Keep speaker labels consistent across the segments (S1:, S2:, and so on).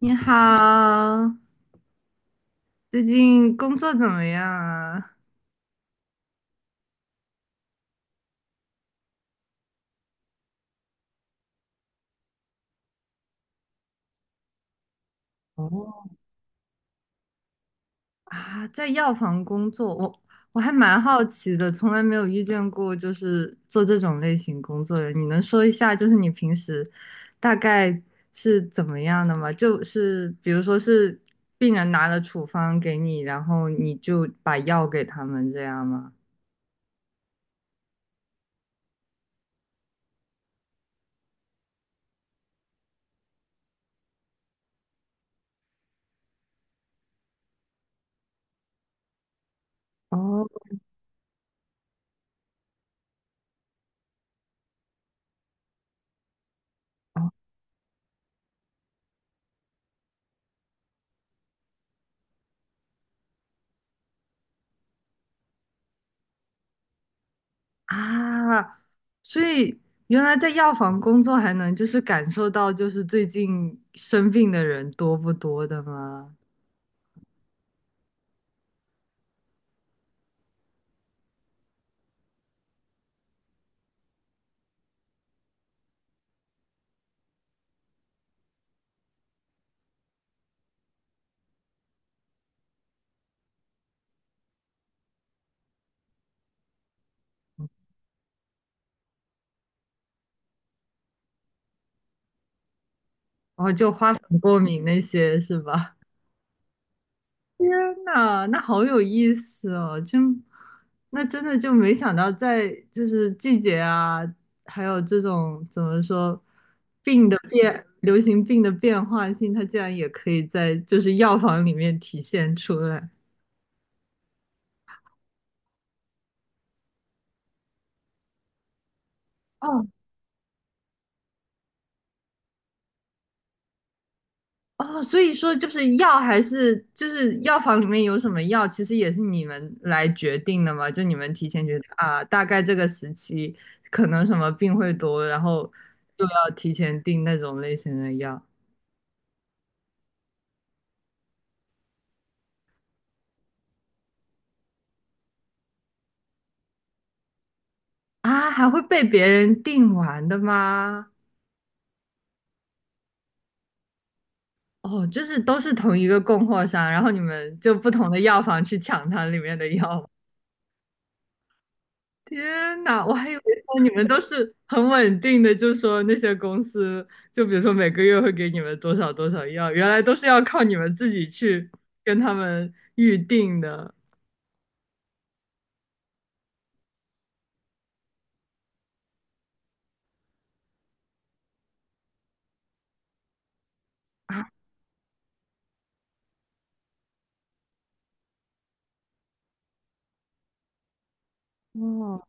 S1: 你好，最近工作怎么样啊？哦，啊，在药房工作，我还蛮好奇的，从来没有遇见过就是做这种类型工作的人。你能说一下，就是你平时大概是怎么样的吗？就是比如说是病人拿了处方给你，然后你就把药给他们这样吗？哦，哦，啊，所以原来在药房工作还能就是感受到就是最近生病的人多不多的吗？然后就花粉过敏那些是吧？天呐，那好有意思哦！真，那真的就没想到在就是季节啊，还有这种怎么说病的变，流行病的变化性，它竟然也可以在就是药房里面体现出来。哦，哦，所以说就是药还是就是药房里面有什么药，其实也是你们来决定的嘛？就你们提前觉得啊，大概这个时期可能什么病会多，然后就要提前订那种类型的药啊，还会被别人订完的吗？哦，就是都是同一个供货商，然后你们就不同的药房去抢它里面的药。天呐，我还以为说你们都是很稳定的，就说那些公司，就比如说每个月会给你们多少多少药，原来都是要靠你们自己去跟他们预定的啊。哦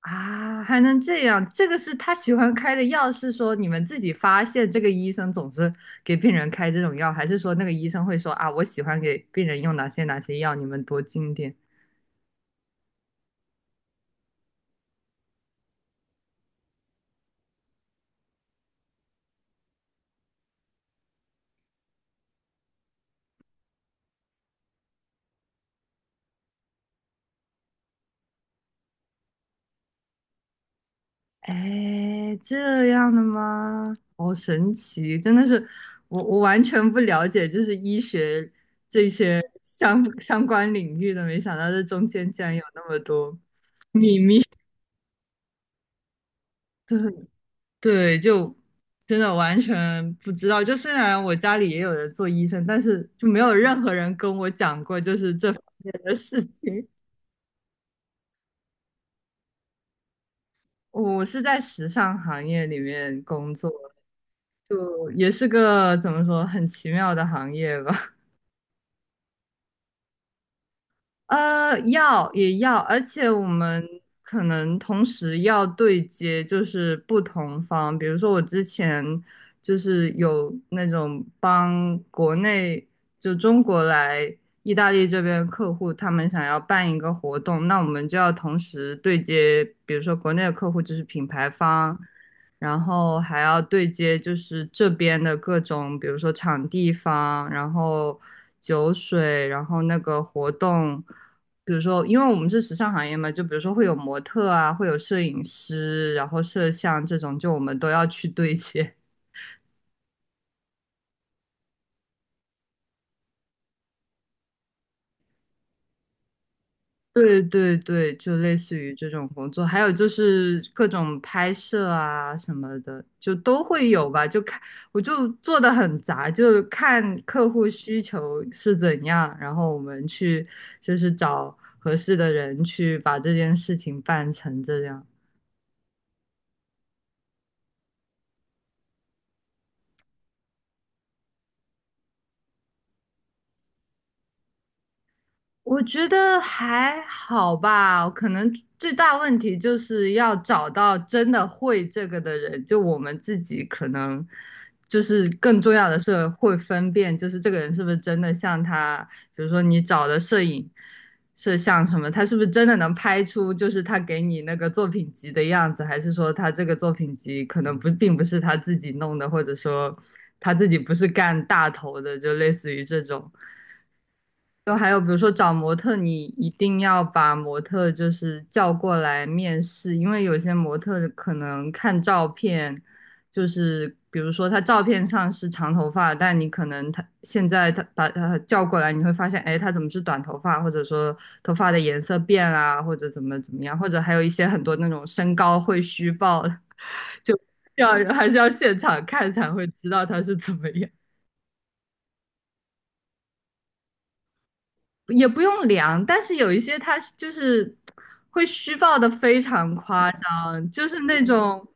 S1: 啊，还能这样？这个是他喜欢开的药，是说你们自己发现这个医生总是给病人开这种药，还是说那个医生会说啊，我喜欢给病人用哪些哪些药，你们多进点？哎，这样的吗？好神奇，真的是我完全不了解，就是医学这些相关领域的，没想到这中间竟然有那么多秘密。对对，就真的完全不知道。就虽然我家里也有人做医生，但是就没有任何人跟我讲过就是这方面的事情。我是在时尚行业里面工作，就也是个怎么说很奇妙的行业吧。要也要，而且我们可能同时要对接，就是不同方。比如说，我之前就是有那种帮国内就中国来意大利这边的客户，他们想要办一个活动，那我们就要同时对接，比如说国内的客户就是品牌方，然后还要对接就是这边的各种，比如说场地方，然后酒水，然后那个活动，比如说，因为我们是时尚行业嘛，就比如说会有模特啊，会有摄影师，然后摄像这种，就我们都要去对接。对对对，就类似于这种工作，还有就是各种拍摄啊什么的，就都会有吧。就看，我就做的很杂，就看客户需求是怎样，然后我们去就是找合适的人去把这件事情办成这样。我觉得还好吧，可能最大问题就是要找到真的会这个的人。就我们自己可能就是更重要的是会分辨，就是这个人是不是真的像他，比如说你找的摄影摄像什么，他是不是真的能拍出就是他给你那个作品集的样子，还是说他这个作品集可能不并不是他自己弄的，或者说他自己不是干大头的，就类似于这种。就还有比如说找模特，你一定要把模特就是叫过来面试，因为有些模特可能看照片，就是比如说他照片上是长头发，但你可能他现在他把他叫过来，你会发现，哎，他怎么是短头发，或者说头发的颜色变啦，或者怎么怎么样，或者还有一些很多那种身高会虚报的，就要还是要现场看才会知道他是怎么样。也不用量，但是有一些他就是会虚报的非常夸张，就是那种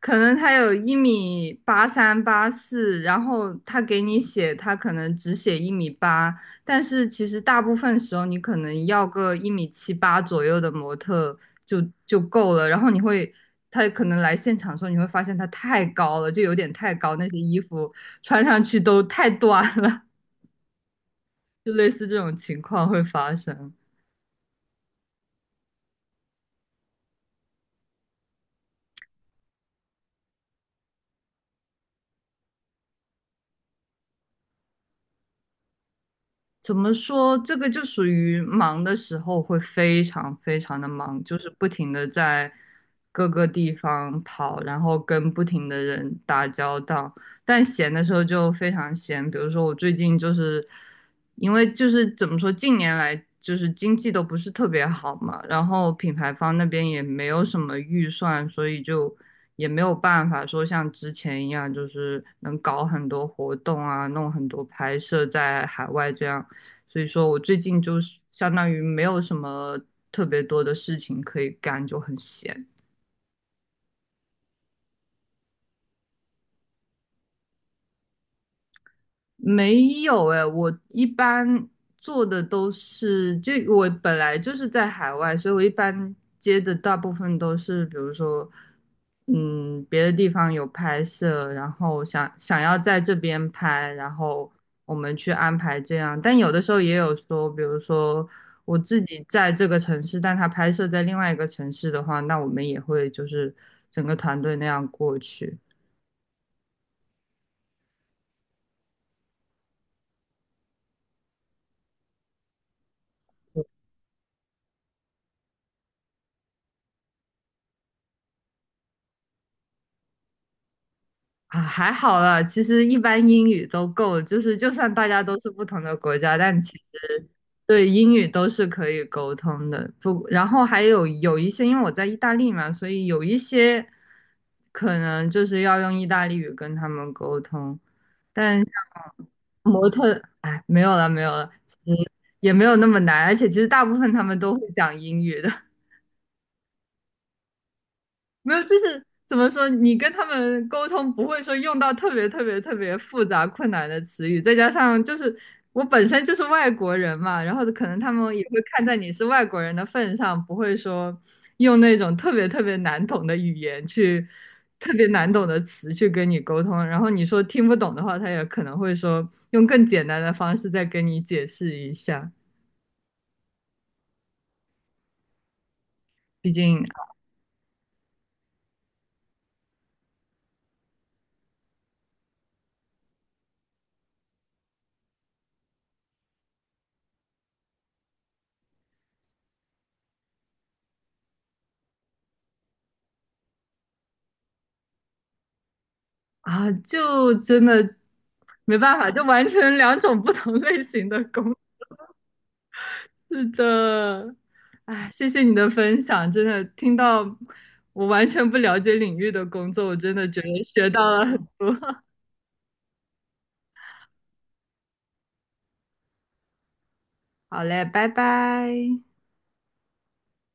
S1: 可能他有1米83、84，然后他给你写他可能只写一米八，但是其实大部分时候你可能要个1米78左右的模特就够了，然后你会。他可能来现场的时候，你会发现他太高了，就有点太高，那些衣服穿上去都太短了，就类似这种情况会发生。怎么说？这个就属于忙的时候会非常非常的忙，就是不停的在各个地方跑，然后跟不停的人打交道。但闲的时候就非常闲，比如说我最近就是因为就是怎么说，近年来就是经济都不是特别好嘛，然后品牌方那边也没有什么预算，所以就也没有办法说像之前一样，就是能搞很多活动啊，弄很多拍摄在海外这样。所以说我最近就是相当于没有什么特别多的事情可以干，就很闲。没有哎，我一般做的都是，就我本来就是在海外，所以我一般接的大部分都是，比如说，嗯，别的地方有拍摄，然后想要在这边拍，然后我们去安排这样。但有的时候也有说，比如说我自己在这个城市，但他拍摄在另外一个城市的话，那我们也会就是整个团队那样过去。啊，还好啦，其实一般英语都够就是就算大家都是不同的国家，但其实对英语都是可以沟通的。不，然后还有一些，因为我在意大利嘛，所以有一些可能就是要用意大利语跟他们沟通，但像模特，哎，没有了，没有了，其实也没有那么难，而且其实大部分他们都会讲英语的。没有，就是怎么说，你跟他们沟通不会说用到特别特别特别复杂困难的词语，再加上就是我本身就是外国人嘛，然后可能他们也会看在你是外国人的份上，不会说用那种特别特别难懂的语言去特别难懂的词去跟你沟通，然后你说听不懂的话，他也可能会说用更简单的方式再跟你解释一下，毕竟啊，就真的没办法，就完全两种不同类型的工。是的，哎，谢谢你的分享，真的听到我完全不了解领域的工作，我真的觉得学到了很。好嘞，拜拜。